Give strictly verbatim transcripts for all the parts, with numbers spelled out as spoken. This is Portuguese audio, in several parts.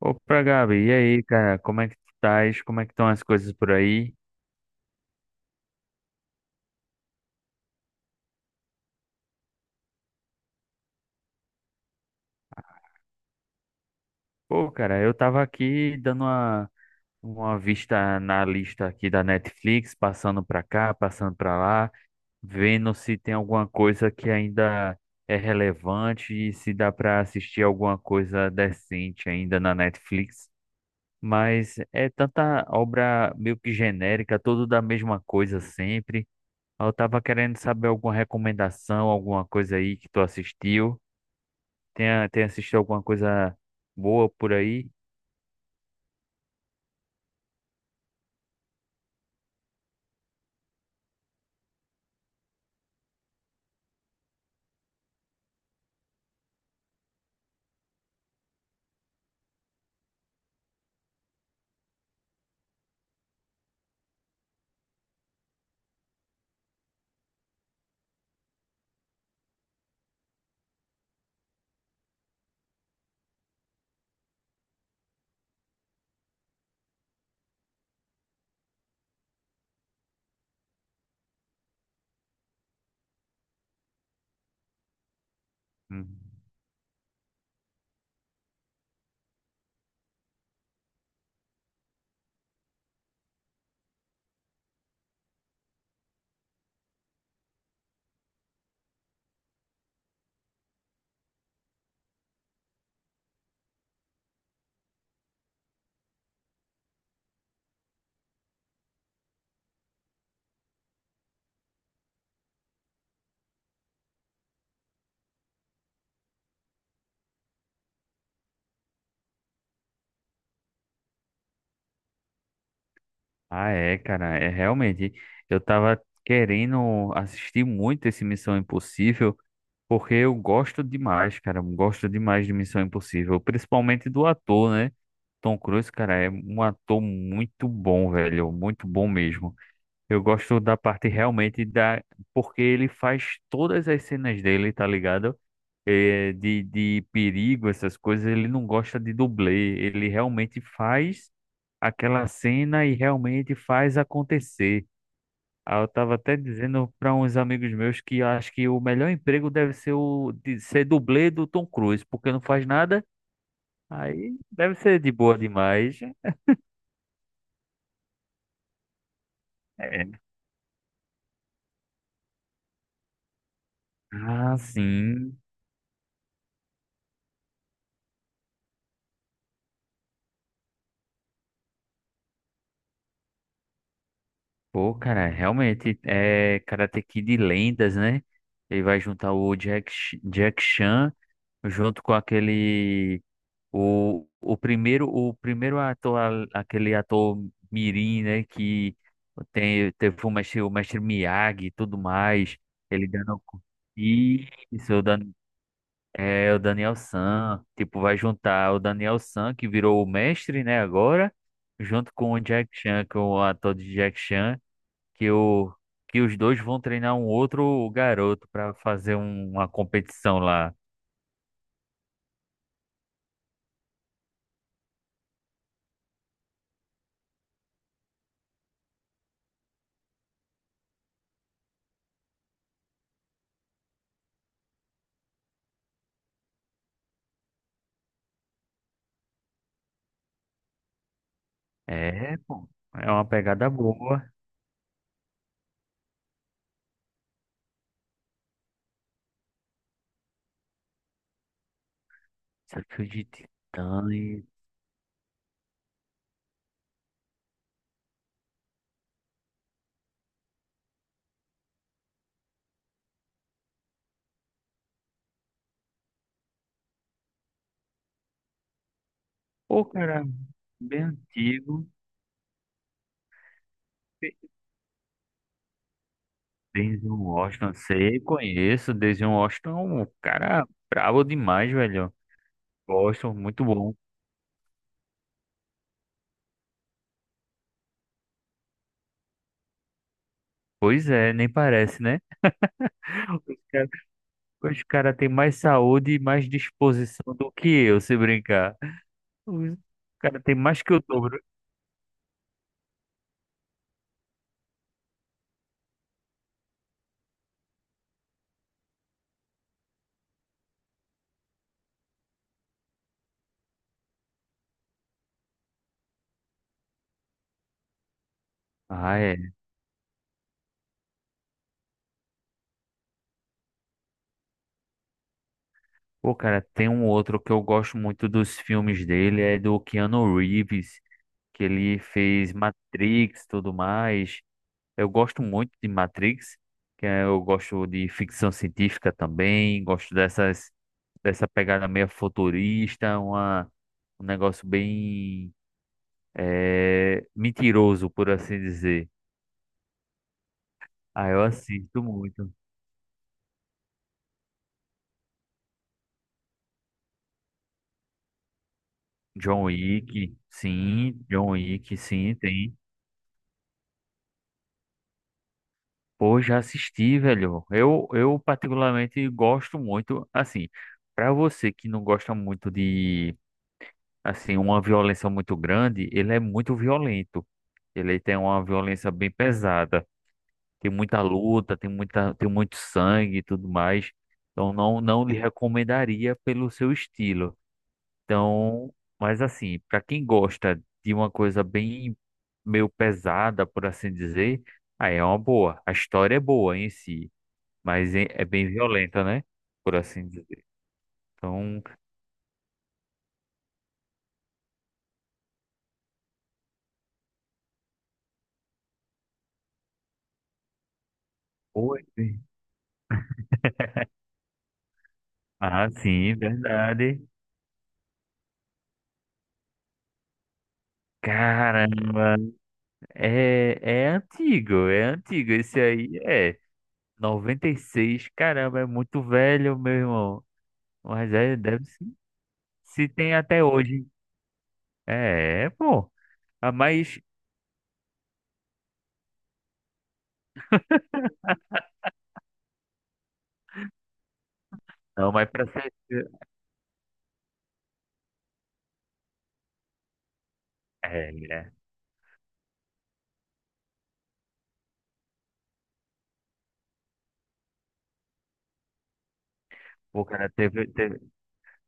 Opa, Gabi, e aí, cara, como é que tu estás? Como é que estão as coisas por aí? Pô, cara, eu tava aqui dando uma, uma vista na lista aqui da Netflix, passando pra cá, passando pra lá, vendo se tem alguma coisa que ainda é relevante e se dá pra assistir alguma coisa decente ainda na Netflix. Mas é tanta obra meio que genérica, tudo da mesma coisa sempre. Eu tava querendo saber alguma recomendação, alguma coisa aí que tu assistiu. Tem, a- tem assistido alguma coisa boa por aí? Uhum. Ah, é, cara, é realmente. Eu tava querendo assistir muito esse Missão Impossível, porque eu gosto demais, cara. Eu gosto demais de Missão Impossível, principalmente do ator, né? Tom Cruise, cara, é um ator muito bom, velho, muito bom mesmo. Eu gosto da parte realmente da, porque ele faz todas as cenas dele, tá ligado? eh, de, de perigo, essas coisas, ele não gosta de dublê. Ele realmente faz aquela cena e realmente faz acontecer. Ah, eu tava até dizendo para uns amigos meus que eu acho que o melhor emprego deve ser o de ser dublê do Tom Cruise, porque não faz nada, aí deve ser de boa demais. É. Ah, sim. Pô, cara, realmente é Karate Kid Lendas, né? Ele vai juntar o Jack, Ch- Jack Chan junto com aquele O, o primeiro, o primeiro ator, a- aquele ator mirim, né, que tem, teve o mestre, o mestre Miyagi e tudo mais, ele dando isso, o Dan, é o Daniel San. Tipo, vai juntar o Daniel San, que virou o mestre, né, agora, junto com o Jack Chan, que é o ator de Jack Chan, que o que os dois vão treinar um outro garoto para fazer um- uma competição lá. É, pô, é uma pegada boa. Desafio de Titãs. Pô, cara, bem antigo. Denzel Washington, sei, conheço. Denzel Washington, um cara brabo demais, velho. Gosto, muito bom. Pois é, nem parece, né? Os caras os cara têm mais saúde e mais disposição do que eu, se brincar. Os cara tem mais que o dobro. Ah, é. Pô, cara, tem um outro que eu gosto muito dos filmes dele, é do Keanu Reeves, que ele fez Matrix, tudo mais. Eu gosto muito de Matrix, que é- eu gosto de ficção científica também, gosto dessas dessa pegada meio futurista, uma, um negócio bem eh, mentiroso, por assim dizer. Ah, eu assisto muito. John Wick, sim, John Wick, sim, tem. Pô, já assisti, velho. Eu, eu particularmente gosto muito, assim, pra você que não gosta muito de, assim, uma violência muito grande, ele é muito violento. Ele tem uma violência bem pesada. Tem muita luta, tem muita, tem muito sangue e tudo mais. Então não, não lhe recomendaria pelo seu estilo. Então, mas assim, para quem gosta de uma coisa bem meio pesada, por assim dizer, aí é uma boa. A história é boa em si, mas é é bem violenta, né? Por assim dizer. Então, oi. Ah, sim, verdade. Caramba, é, é antigo, é antigo. Esse aí é. noventa e seis, caramba, é muito velho, meu irmão. Mas é, deve se, se tem até hoje. É, pô. Ah, mas, não, mas pra ser. É, é. Pô, cara, teve, teve,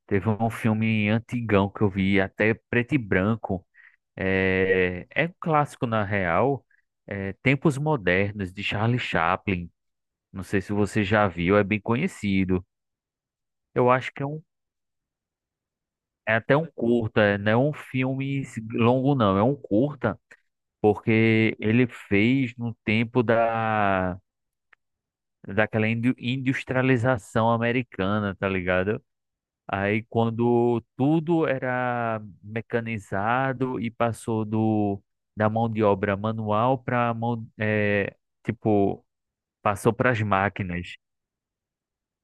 teve um filme antigão que eu vi, até preto e branco. É, é um clássico, na real. É Tempos Modernos, de Charlie Chaplin. Não sei se você já viu, é bem conhecido. Eu acho que é um. É até um curta, não é um filme longo, não. É um curta porque ele fez no tempo da daquela indu- industrialização americana, tá ligado? Aí quando tudo era mecanizado e passou do da mão de obra manual para mão é, tipo passou para as máquinas,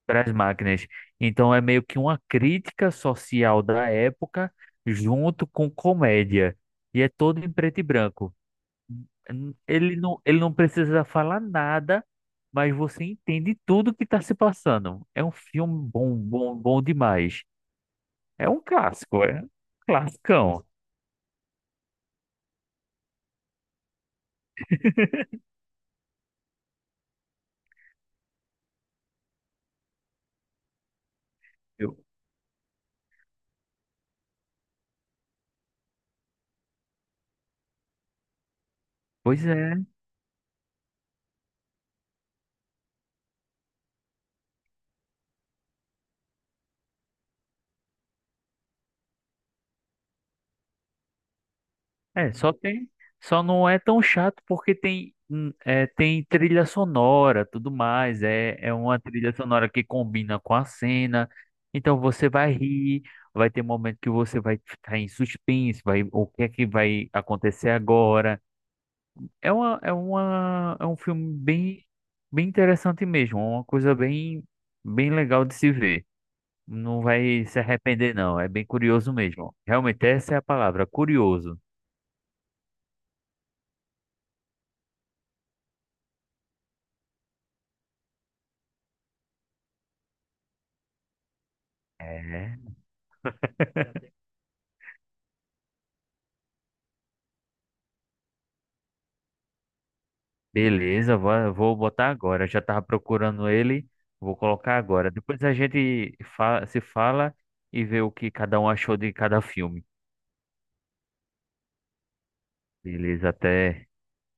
para as máquinas. Então é meio que uma crítica social da época junto com comédia e é todo em preto e branco. Ele não, ele não precisa falar nada, mas você entende tudo que está se passando. É um filme bom, bom, bom demais. É um clássico, é um classicão. Eu. Pois é, é, só tem, só não é tão chato porque tem, hum, é, tem trilha sonora, tudo mais. É, é uma trilha sonora que combina com a cena. Então você vai rir, vai ter momento que você vai ficar em suspense, vai, o que é que vai acontecer agora? É uma, é uma, é um filme bem, bem interessante mesmo, é uma coisa bem, bem legal de se ver. Não vai se arrepender, não. É bem curioso mesmo. Realmente, essa é a palavra, curioso. É. Beleza, vou, vou botar agora. Já tava procurando ele, vou colocar agora. Depois a gente fa- se fala e vê o que cada um achou de cada filme. Beleza, até.